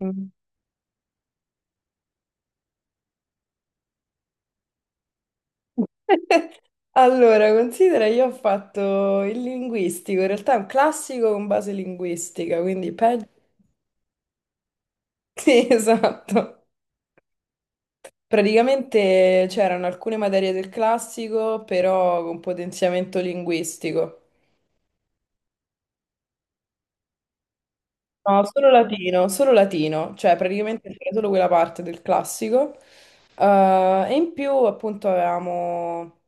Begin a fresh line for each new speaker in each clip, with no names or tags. Mm. Allora, considera, io ho fatto il linguistico, in realtà è un classico con base linguistica, quindi peggio. Sì, esatto. Praticamente c'erano alcune materie del classico, però con potenziamento linguistico. No, solo latino, cioè praticamente c'era solo quella parte del classico. E in più, appunto, avevamo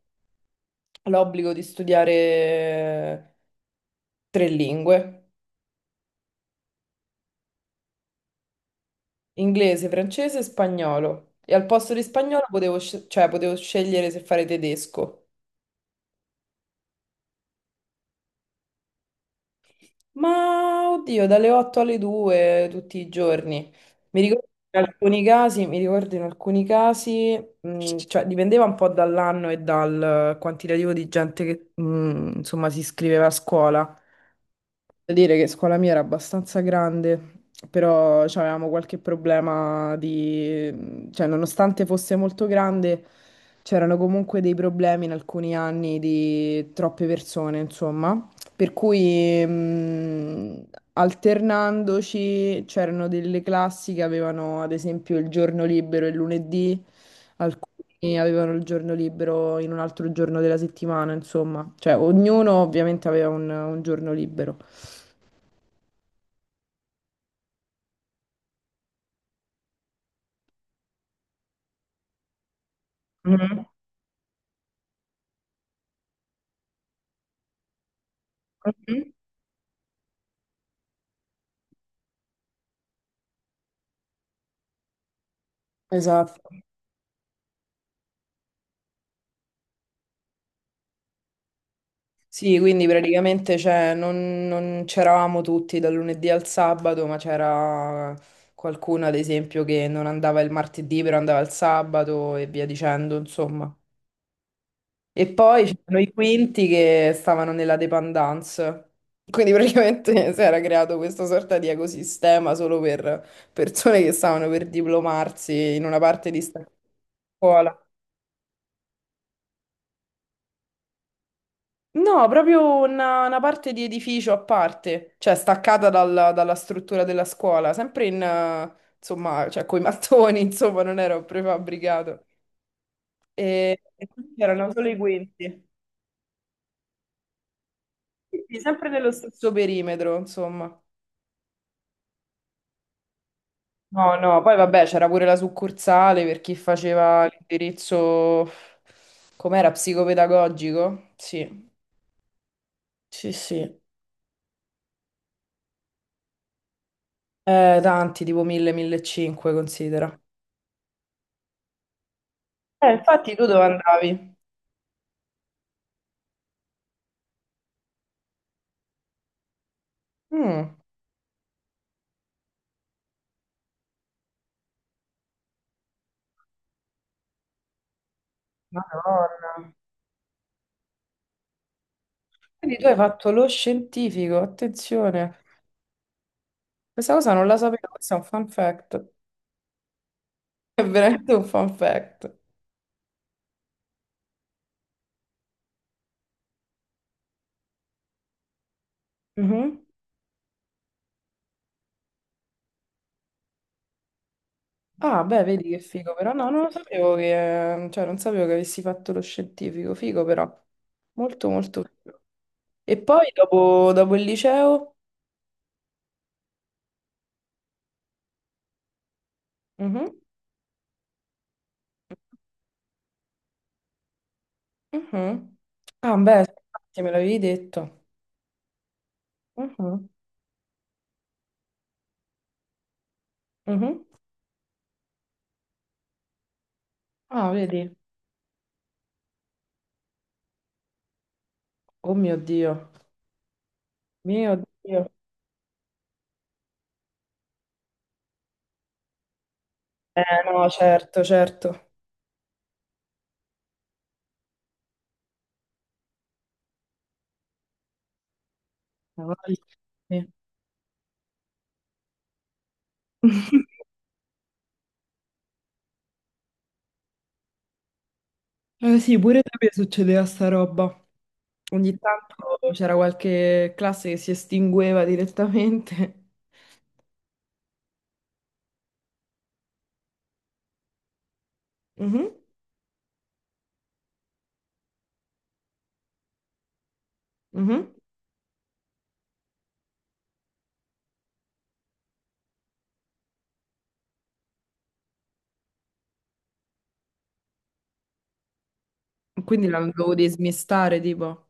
l'obbligo di studiare tre lingue. Inglese, francese e spagnolo. E al posto di spagnolo potevo, cioè, potevo scegliere se fare tedesco. Ma oddio, dalle 8 alle 2 tutti i giorni. Mi ricordo in alcuni casi, mi ricordo in alcuni casi, cioè dipendeva un po' dall'anno e dal quantitativo di gente che, insomma, si iscriveva a scuola. Devo dire che scuola mia era abbastanza grande, però avevamo qualche problema di cioè nonostante fosse molto grande, c'erano comunque dei problemi in alcuni anni di troppe persone, insomma. Per cui alternandoci c'erano delle classi che avevano ad esempio il giorno libero il lunedì. Alcuni avevano il giorno libero in un altro giorno della settimana, insomma. Cioè, ognuno ovviamente aveva un giorno libero. Mhm, mhm. Esatto. Sì, quindi praticamente cioè, non c'eravamo tutti dal lunedì al sabato, ma c'era qualcuno, ad esempio, che non andava il martedì, però andava il sabato e via dicendo, insomma. E poi c'erano i quinti che stavano nella dependance. Quindi praticamente si era creato questa sorta di ecosistema solo per persone che stavano per diplomarsi in una parte di sta scuola. No, proprio una parte di edificio a parte, cioè staccata dalla struttura della scuola, sempre in, insomma, cioè coi mattoni, insomma, non era un prefabbricato. E quindi erano solo i quinti. Sì, sì, sempre nello stesso perimetro, insomma. No, no, poi vabbè, c'era pure la succursale per chi faceva l'indirizzo, com'era, psicopedagogico? Sì, sì, sì. Tanti, tipo 1000, 1500, considera. Infatti tu dove andavi? Mm, Madonna. Quindi tu hai fatto lo scientifico, attenzione. Questa cosa non la sapevo, questo è un fun fact. È veramente un fun fact. Mhm. Ah, beh, vedi che figo, però no, non lo sapevo che, cioè, non sapevo che avessi fatto lo scientifico, figo però, molto molto figo. E poi dopo, dopo il liceo? Mhm, mhm. Ah, beh, infatti me l'avevi detto. Mhm, mhm. Ah, vedi? Oh mio Dio, mio Dio. Eh no, certo, certo. Ah, sì. Eh sì, pure da me succedeva sta roba. Ogni tanto c'era qualche classe che si estingueva direttamente. Mhm, mhm. Quindi la dovevo dismistare, tipo.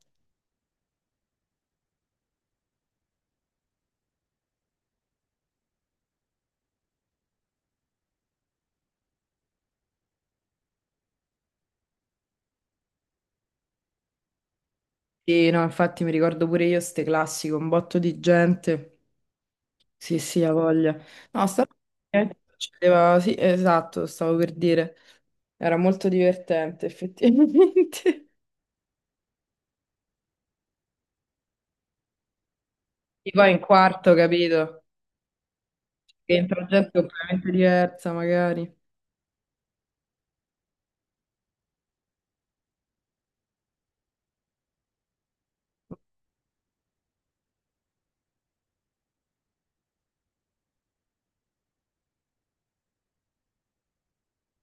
Sì, no, infatti mi ricordo pure io ste classi con un botto di gente. Sì, sì, ha voglia. No, sta succedeva- Sì, esatto, stavo per dire. Era molto divertente, effettivamente. E poi in quarto, capito? Che entra gente completamente diversa, magari.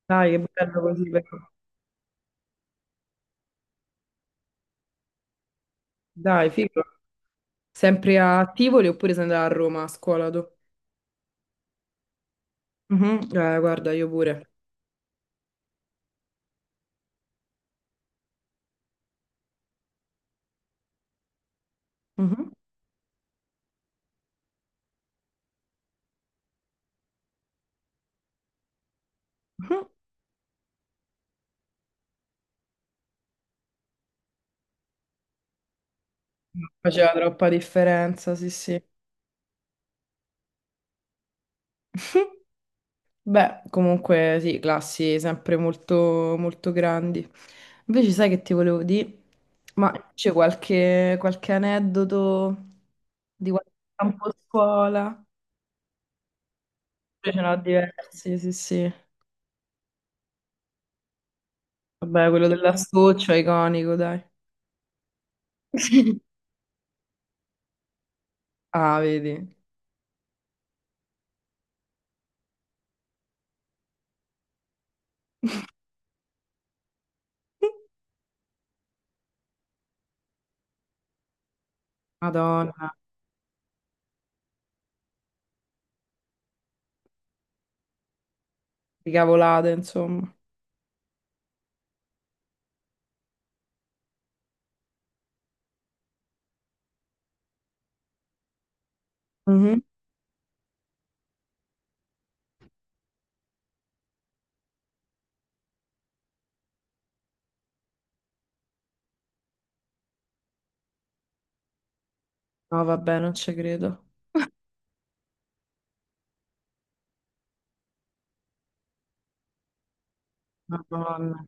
Dai, che bello così, però. Dai, figo. Sempre a Tivoli oppure sei andata a Roma a scuola tu? Mhm, eh, guarda, io pure. Mhm, mhm. Non faceva troppa differenza, sì, sì. Beh, comunque sì, classi sempre molto, molto grandi. Invece sai che ti volevo dire? Ma c'è qualche aneddoto di qualche campo scuola? Io ce n'ho diversi, sì, sì. Vabbè, quello dell'astuccio è iconico, dai. Ah, vedi. Madonna, che cavolate, insomma. Mhm. No, vabbè, non ci credo. Madonna.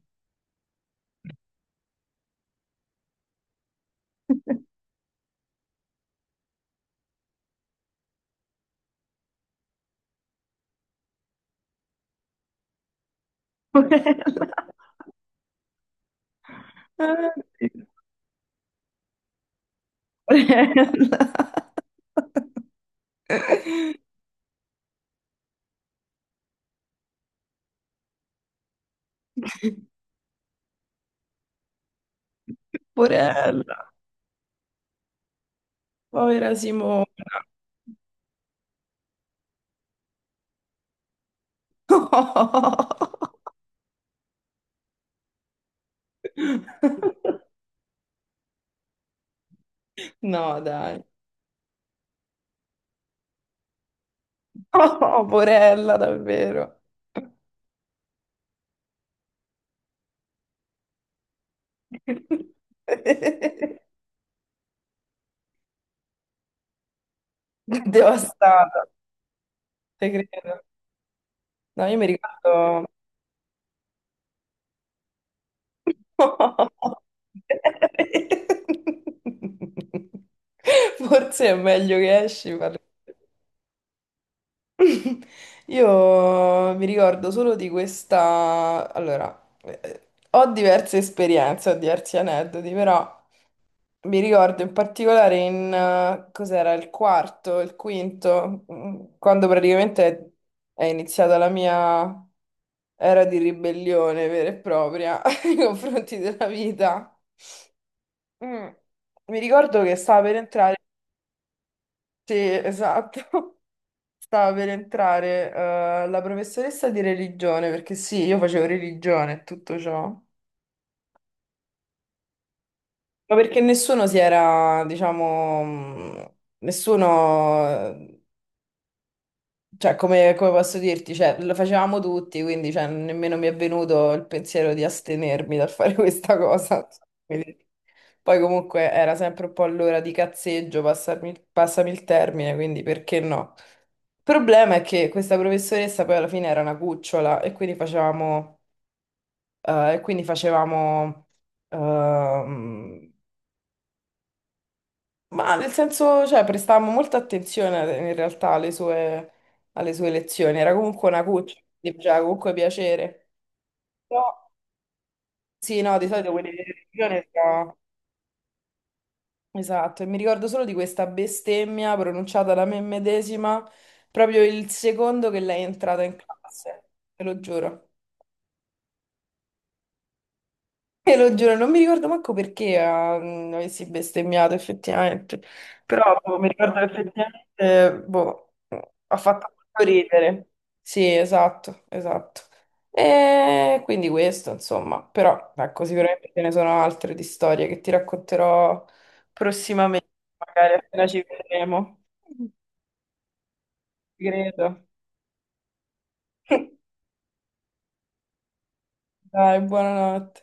Porella. Ah, Dio. Porella. Porella. Povera Simona. No, dai. Oh, porella, davvero. Devastata, te credo. No, io mi ricordo. Forse è meglio che esci, parli. Io mi ricordo solo di questa. Allora, ho diverse esperienze, ho diversi aneddoti, però mi ricordo in particolare in cos'era il quarto, il quinto, quando praticamente è iniziata la mia era di ribellione vera e propria nei confronti della vita. Mm. Mi ricordo che stava per entrare, sì, esatto, stava per entrare la professoressa di religione, perché sì, io facevo religione e tutto ciò, ma perché nessuno si era, diciamo, nessuno cioè, come, come posso dirti? Cioè, lo facevamo tutti, quindi cioè, nemmeno mi è venuto il pensiero di astenermi dal fare questa cosa. Quindi poi comunque era sempre un po' all'ora di cazzeggio, passami il termine, quindi perché no? Il problema è che questa professoressa poi alla fine era una cucciola e quindi facevamo ehm, ma nel senso, cioè, prestavamo molta attenzione in realtà alle sue lezioni. Era comunque una cuccia, quindi faceva comunque piacere. Però, sì, no, di solito quelle lezioni sono- Esatto, e mi ricordo solo di questa bestemmia pronunciata da me medesima proprio il secondo che lei è entrata in classe, te lo giuro. Te lo giuro, non mi ricordo manco perché avessi bestemmiato effettivamente, però boh, mi ricordo che effettivamente, boh, ha fatto molto ridere. Sì, esatto, esatto. E quindi questo, insomma, però ecco, sicuramente ce ne sono altre di storie che ti racconterò prossimamente, magari appena ci vedremo. Ci credo. Dai, buonanotte.